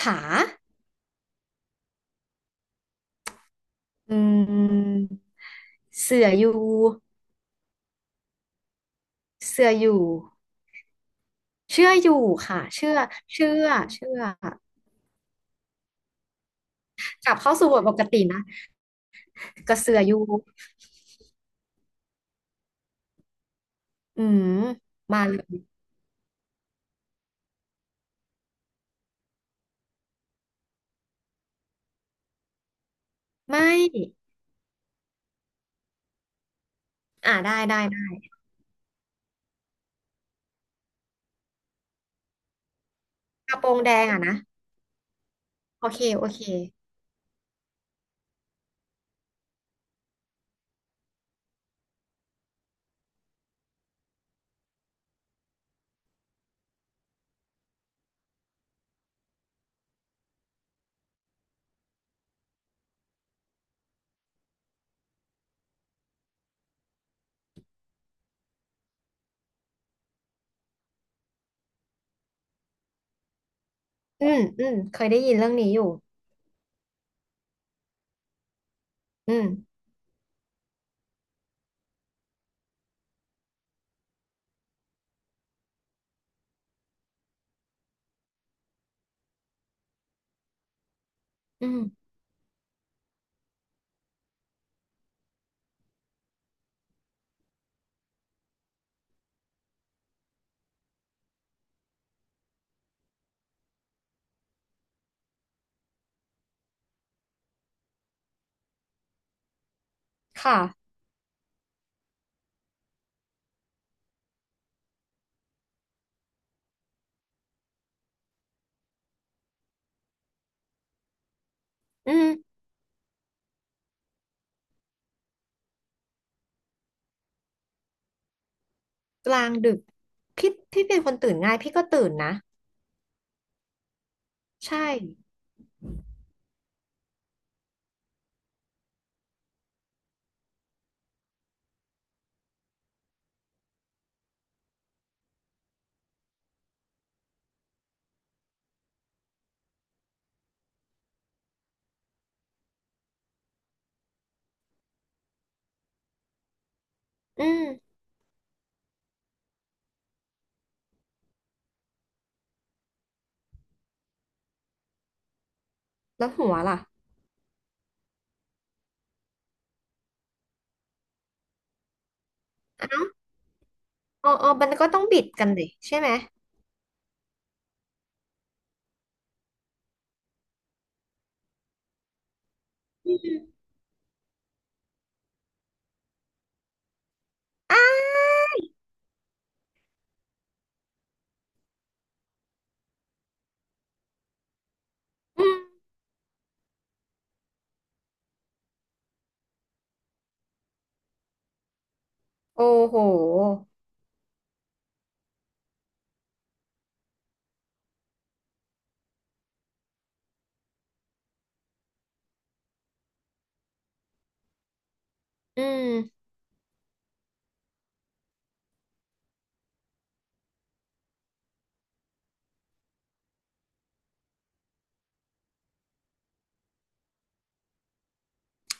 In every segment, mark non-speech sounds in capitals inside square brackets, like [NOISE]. ขาอืมเสืออยู่เสืออยู่ เชื่ออยู่ค่ะ เชื่อ เชื่อเชื่อกลับเข้าสู่บทปกตินะกระเสืออยู่อืมมาเลยไม่ ได้ได้ได้กระโปรงแดงอ่ะนะโอเคโอเค อืมอืมเคยได้ยินเรื่องนี้อยู่ อืมอืม ค่ะ อืมกลางดึก พี่เป็นคนตื่นง่ายพี่ก็ตื่นนะ ใช่อืม แล้วหัวล่ะอ๋ออ๋อมันก็ต้องบิดกันดิใช่ไหม อาอืมโอ้โหอืม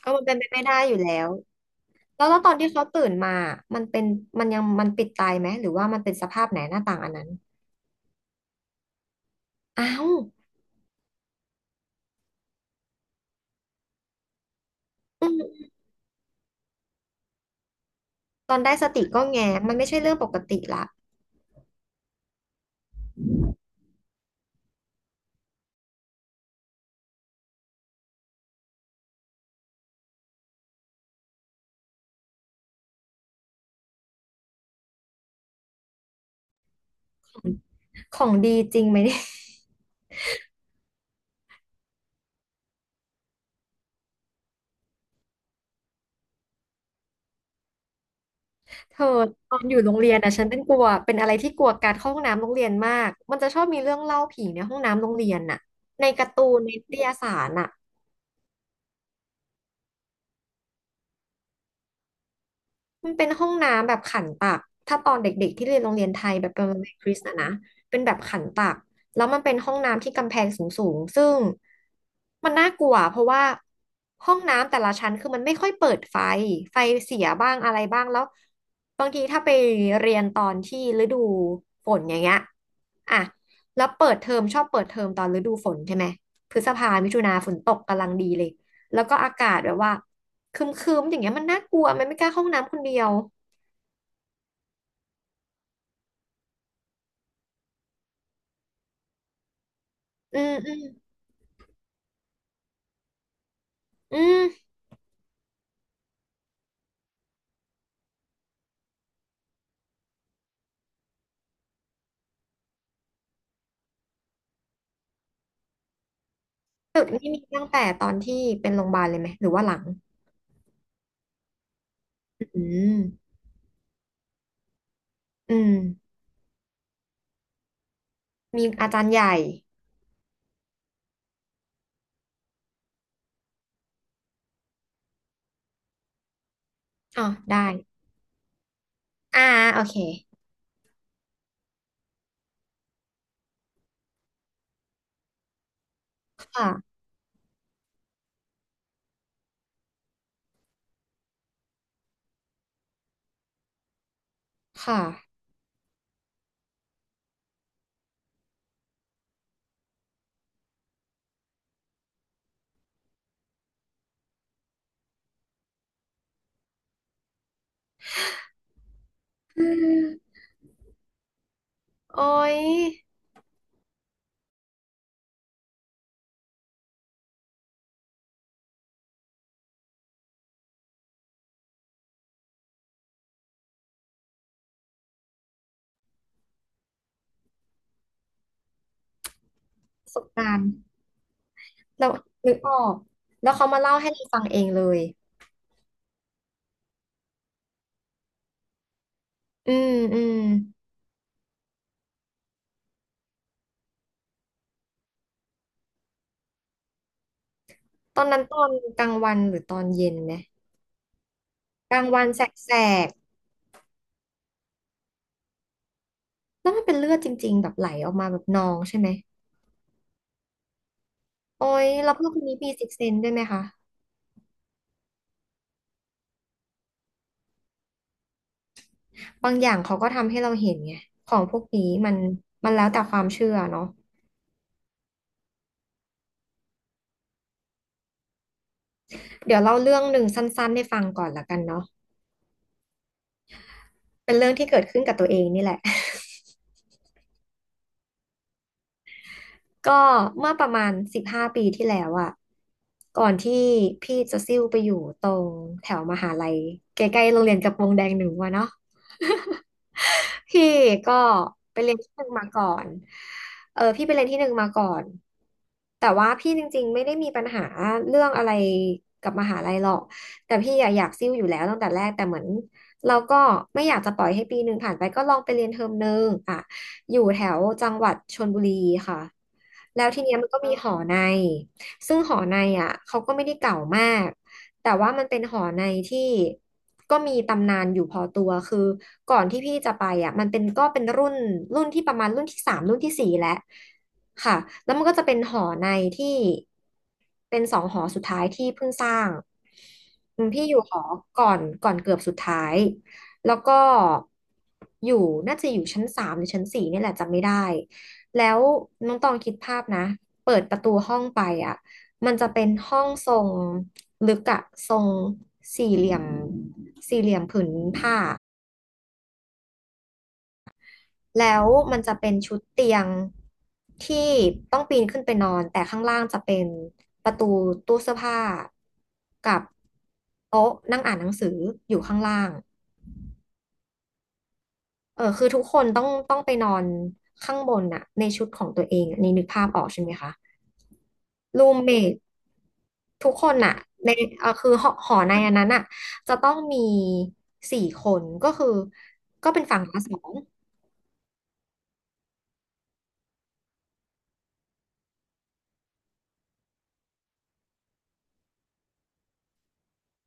ก็มันเป็นไปไม่ได้อยู่แล้วแล้วตอนที่เขาตื่นมามันเป็นมันยังมันปิดตายไหมหรือว่ามันเป็นสภาพไหนหน้าต่างอันนั้นอ้าวอืมตอนได้สติก็แงมันไม่ใช่เรื่องปกติละของดีจริงไหมเนี่ย [LAUGHS] เธอตอนอยู่โรงเรียนอ่ะฉันเป็นกลัวเป็นอะไรที่กลัวการเข้าห้องน้ำโรงเรียนมากมันจะชอบมีเรื่องเล่าผีในห้องน้ำโรงเรียนน่ะในการ์ตูนในนิตยสารน่ะ มันเป็นห้องน้ำแบบขันตัก ถ้าตอนเด็กๆที่เรียนโรงเรียนไทยแบบเป็นโรงเรียนคริสต์นะนะเป็นแบบขันตัก แล้วมันเป็นห้องน้ำที่กำแพงสูงๆซึ่งมันน่ากลัวเพราะว่าห้องน้ำแต่ละชั้นคือมันไม่ค่อยเปิดไฟ ไฟเสียบ้างอะไรบ้างแล้วบางทีถ้าไปเรียนตอนที่ฤดูฝนอย่างเงี้ยอ่ะแล้วเปิดเทอมชอบเปิดเทอมตอนฤดูฝนใช่ไหมพฤษภามิถุนาฝนตกกำลังดีเลยแล้วก็อากาศแบบว่า คึมคึมอย่างเงี้ยมันน่ากลัวมันไม่กล้าเข้าห้องน้ำคนเดียวอืมอืมอืมตึกนี่มีตั้งแต่ตอนที่เป็นโรงพยาบาลเลยไหมหรือว่าหลังอืมอืมมีอาจารย์ใหญ่อ๋อได้อ่าโอเคค่ะค่ะอืมโอ้ยประสบการณ์เรานึกออกแล้วเขามาเล่าให้เราฟังเองเลยอืมอืมตอนนั้นตอนกลางวันหรือตอนเย็นเนี่ยกลางวันแสกๆแล้วมันเป็นเลือดจริงๆแบบไหลออกมาแบบนองใช่ไหม โอ้ยแล้วพวกนคนนี้มีซิกเซนด้วยไหมคะบางอย่างเขาก็ทำให้เราเห็นไงของพวกนี้มันแล้วแต่ความเชื่อเนาะเดี๋ยวเล่าเรื่องหนึ่งสั้นๆให้ฟังก่อนละกันเนาะเป็นเรื่องที่เกิดขึ้นกับตัวเองนี่แหละ [LAUGHS] ก็เมื่อประมาณ15 ปีที่แล้วอะก่อนที่พี่จะซิ่วไปอยู่ตรงแถวมหาลัยใกล้ๆโรงเรียนกระโปรงแดงหนึ่งวะเนาะ [LAUGHS] พี่ก็ไปเรียนที่หนึ่งมาก่อนเออพี่ไปเรียนที่หนึ่งมาก่อน แต่ว่าพี่จริงๆไม่ได้มีปัญหาเรื่องอะไรกับมหาลัยหรอก แต่พี่อะอยากซิ่วอยู่แล้วตั้งแต่แรก แต่เหมือนเราก็ไม่อยากจะปล่อยให้ปีหนึ่งผ่านไปก็ลองไปเรียนเทอมหนึ่งอ่ะอยู่แถวจังหวัดชลบุรีค่ะแล้วทีเนี้ยมันก็มีหอใน ซึ่งหอในอ่ะเขาก็ไม่ได้เก่ามาก แต่ว่ามันเป็นหอในที่ก็มีตำนานอยู่พอตัวคือก่อนที่พี่จะไปอ่ะมันเป็นก็เป็นรุ่นที่ประมาณรุ่นที่สามรุ่นที่สี่แล้วค่ะแล้วมันก็จะเป็นหอในที่เป็นสองหอสุดท้ายที่เพิ่งสร้างอืมพี่อยู่หอก่อนเกือบสุดท้ายแล้วก็อยู่น่าจะอยู่ชั้นสามหรือชั้นสี่นี่แหละจำไม่ได้แล้วน้องตองคิดภาพนะเปิดประตูห้องไปอ่ะมันจะเป็นห้องทรง ลึกอะทรงสี่เหลี่ยมสี่เหลี่ยมผืนผ้าแล้วมันจะเป็นชุดเตียงที่ต้องปีนขึ้นไปนอนแต่ข้างล่างจะเป็นประตูตู้เสื้อผ้ากับโต๊ะนั่งอ่านหนังสืออยู่ข้างล่างเออคือทุกคนต้องไปนอนข้างบนน่ะในชุดของตัวเองอะนี่นึกภาพออกใช่ไหมคะ รูมเมททุกคนอะในเออคือหอในอันนั้นอะจะต้องมีสี่คนก็คือก็เป็นฝั่งละสอง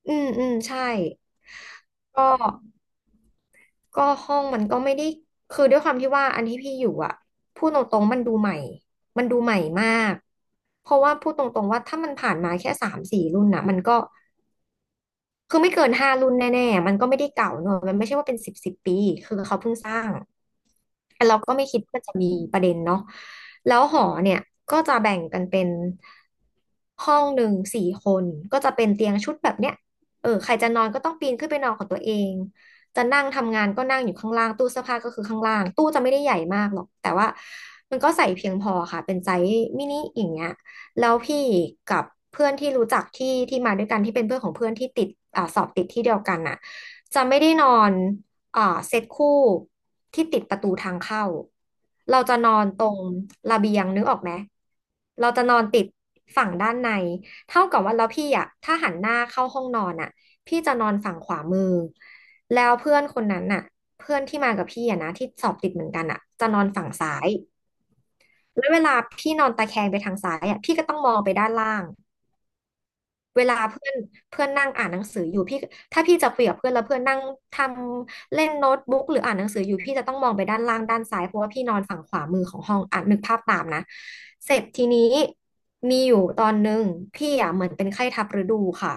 อืมอืมใช่ก็ก็ห้องมันก็ไม่ได้คือด้วยความที่ว่าอันที่พี่อยู่อะพูดตรงๆมันดูใหม่มันดูใหม่มากเพราะว่าพูดตรงๆว่าถ้ามันผ่านมาแค่สามสี่รุ่นนะมันก็คือไม่เกินห้ารุ่นแน่ๆมันก็ไม่ได้เก่าเนอะมันไม่ใช่ว่าเป็นสิบสิบปีคือเขาเพิ่งสร้าง แต่เราก็ไม่คิดว่าจะมีประเด็นเนาะแล้วหอเนี่ยก็จะแบ่งกันเป็นห้องหนึ่งสี่คน ก็จะเป็นเตียงชุดแบบเนี้ยเออใครจะนอนก็ต้องปีนขึ้นไปนอนของตัวเองจะนั่งทำงานก็นั่งอยู่ข้างล่างตู้เสื้อผ้าก็คือข้างล่าง ตู้จะไม่ได้ใหญ่มากหรอกแต่ว่ามันก็ใส่เพียงพอค่ะเป็นไซส์มินิอย่างเงี้ยแล้วพี่กับเพื่อนที่รู้จักที่มาด้วยกันที่เป็นเพื่อนของเพื่อนที่ติดสอบติดที่เดียวกันน่ะจะไม่ได้นอน อ่าเซตคู่ที่ติดประตูทางเข้าเราจะนอนตรงระเบียงนึกออกไหมเราจะนอนติดฝั่งด้านในเท่ากับว่าแล้วพี่อ่ะถ้าหันหน้าเข้าห้องนอนอ่ะพี่จะนอนฝั่งขวามือแล้วเพื่อนคนนั้นน่ะเพื่อนที่มากับพี่อ่ะนะที่สอบติดเหมือนกันอ่ะจะนอนฝั่งซ้ายแล้วเวลาพี่นอนตะแคงไปทางซ้ายอ่ะพี่ก็ต้องมองไปด้านล่าง เวลาเพื่อนเพื่อนนั่งอ่านหนังสืออยู่พี่ถ้าพี่จะคุยกับเพื่อนแล้วเพื่อนนั่งทำเล่นโน้ตบุ๊กหรืออ่านหนังสืออยู่พี่จะต้องมองไปด้านล่างด้านซ้ายเพราะว่าพี่นอนฝั่งขวามือของห้องอ่านนึกภาพตามนะเสร็จทีนี้มีอยู่ตอนหนึ่งพี่อ่ะเหมือนเป็นไข้ทับฤดูค่ะ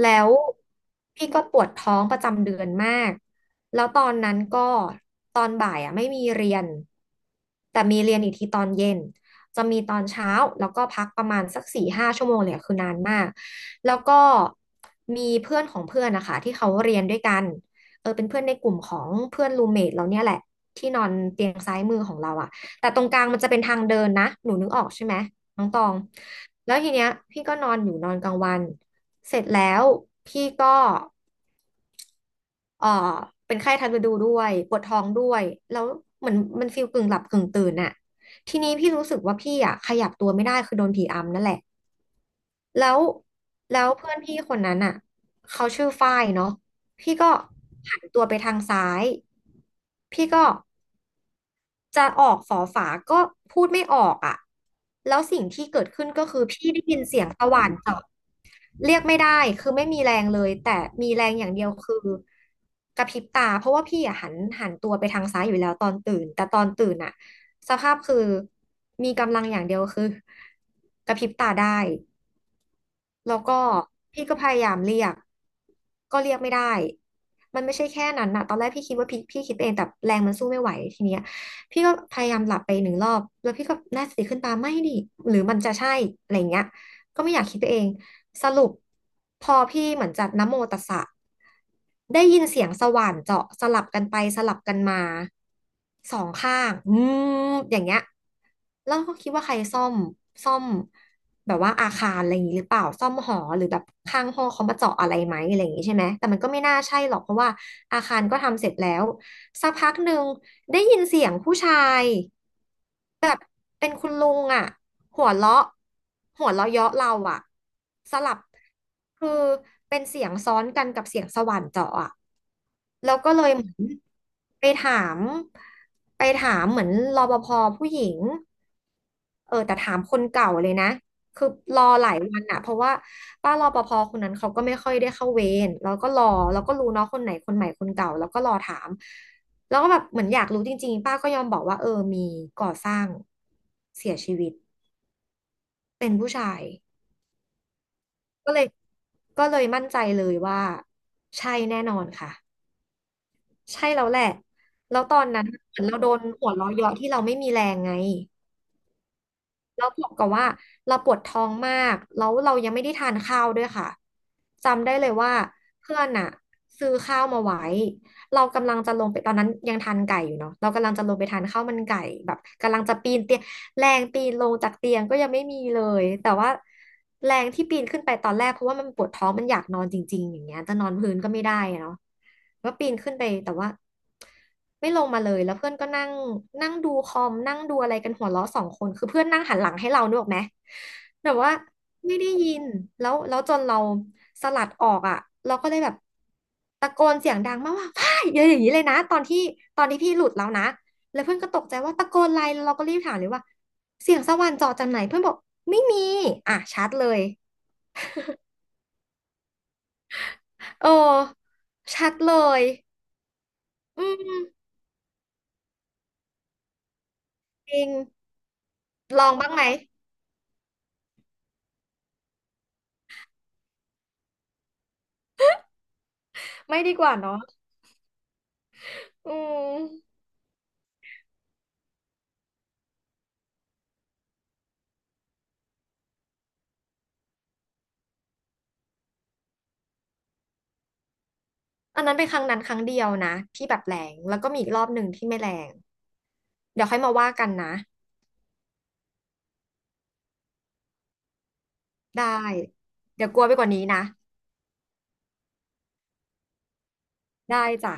แล้วพี่ก็ปวดท้องประจำเดือนมากแล้วตอนนั้นก็ตอนบ่ายอ่ะไม่มีเรียนแต่มีเรียนอีกทีตอนเย็น จะมีตอนเช้าแล้วก็พักประมาณสักสี่ห้าชั่วโมงเลยอะคือนานมากแล้วก็มีเพื่อนของเพื่อนนะคะที่เขาเรียนด้วยกันเออเป็นเพื่อนในกลุ่มของเพื่อนรูเมทเราเนี่ยแหละที่นอนเตียงซ้ายมือของเราอะแต่ตรงกลางมันจะเป็นทางเดินนะหนูนึกออกใช่ไหมน้องตองแล้วทีเนี้ยพี่ก็นอนอยู่นอนกลางวันเสร็จแล้วพี่ก็ เอ่อเป็นไข้ทันฤดูด้วยปวดท้องด้วยแล้วเหมือนมันฟีลกึ่งหลับกึ่งตื่นน่ะทีนี้พี่รู้สึกว่าพี่อ่ะขยับตัวไม่ได้คือโดนผีอำนั่นแหละแล้วแล้วเพื่อนพี่คนนั้นอ่ะเขาชื่อฝ้ายเนาะพี่ก็หันตัวไปทางซ้ายพี่ก็จะออกฝอฝาก็พูดไม่ออกอ่ะแล้วสิ่งที่เกิดขึ้นก็คือพี่ได้ยินเสียงตะหว่านเจาะ เรียกไม่ได้คือไม่มีแรงเลยแต่มีแรงอย่างเดียวคือกระพริบตาเพราะว่าพี่อะหันตัวไปทางซ้ายอยู่แล้วตอนตื่นแต่ตอนตื่นอะสภาพคือมีกำลังอย่างเดียวคือกระพริบตาได้ แล้วก็พี่ก็พยายามเรียกก็เรียกไม่ได้มันไม่ใช่แค่นั้นนะตอนแรกพี่คิดว่าพี่คิดเองแต่แรงมันสู้ไม่ไหวทีเนี้ยพี่ก็พยายามหลับไปหนึ่งรอบแล้วพี่ก็น่าสติขึ้นปาไม่ดิหรือมันจะใช่อะไรอย่างเงี้ยก็ไม่อยากคิดไปเองสรุปพอพี่เหมือนจัดนะโมตัสสะได้ยินเสียงสว่านเจาะสลับกันไปสลับกันมาสองข้างอืมอย่างเงี้ย แล้วก็คิดว่าใครซ่อมแบบว่าอาคารอะไรอย่างนี้หรือเปล่าซ่อมหอหรือแบบข้างห้องเขามาเจาะอะไรไหมอะไรอย่างนี้ใช่ไหมแต่มันก็ไม่น่าใช่หรอกเพราะว่าอาคารก็ทำเสร็จแล้วสักพักหนึ่งได้ยินเสียงผู้ชายแบบเป็นคุณลุงอ่ะหัวเราะหัวเราะเยาะเราอ่ะสลับคือเป็นเสียงซ้อนกันกับเสียงสว่านเจาะอ่ะ แล้วก็เลยเหมือนไปถามไปถามเหมือนรปภผู้หญิงเออแต่ถามคนเก่าเลยนะคือรอหลายวันอะเพราะว่าป้ารปภคนนั้นเขาก็ไม่ค่อยได้เข้าเวรแล้วก็รอแล้วก็รู้เนาะคนไหนคนใหม่คนเก่าแล้วก็รอถามแล้วก็แบบเหมือนอยากรู้จริงๆป้าก็ยอมบอกว่าเออมีก่อสร้างเสียชีวิตเป็นผู้ชายก็เลยก็เลยมั่นใจเลยว่าใช่แน่นอนค่ะ ใช่แล้วแหละ แล้วตอนนั้นเหมือนเราโดนหัวเราะเยาะที่เราไม่มีแรงไง แล้วบวกกับว่าเราปวดท้องมาก แล้วเรายังไม่ได้ทานข้าวด้วยค่ะ จำได้เลยว่าเพื่อนอะซื้อข้าวมาไว้ เรากำลังจะลงไปตอนนั้นยังทานไก่อยู่เนาะเรากำลังจะลงไปทานข้าวมันไก่แบบกำลังจะปีนเตียงแรงปีนลงจากเตียงก็ยังไม่มีเลย แต่ว่าแรงที่ปีนขึ้นไปตอนแรกเพราะว่ามันปวดท้องมันอยากนอนจริงๆอย่างเงี้ยจะนอนพื้นก็ไม่ได้อะเนาะก็ปีนขึ้นไปแต่ว่า ไม่ลงมาเลยแล้วเพื่อนก็นั่งนั่งดูคอมนั่งดูอะไรกันหัวเราะสองคนคือเพื่อนนั่งหันหลังให้เรานึกออกไหมแบบว่าไม่ได้ยินแล้วจนเราสลัดออกอ่ะเราก็เลยแบบตะโกนเสียงดังมากว่าพ่ายอย่างนี้เลยนะตอนที่ตอนที่พี่หลุดแล้วนะแล้วเพื่อนก็ตกใจว่าตะโกนอะไรแล้วเราก็รีบถามเลยว่าเสียงสวรรค์เจาะจากไหนเพื่อนบอกไม่มีอ่ะชัดเลยเออชัดเลยอืมจริงลองบ้างไหมไม่ดีกว่าเนาะอืม อันนั้นเป็นครั้งนั้นครั้งเดียวนะที่แบบแรงแล้วก็มีอีกรอบหนึ่งที่ไม่แรงเดี๋ยวค่อยมาว่ากันนะได้เดี๋ยวกลัวไปกว่านี้นะได้จ้ะ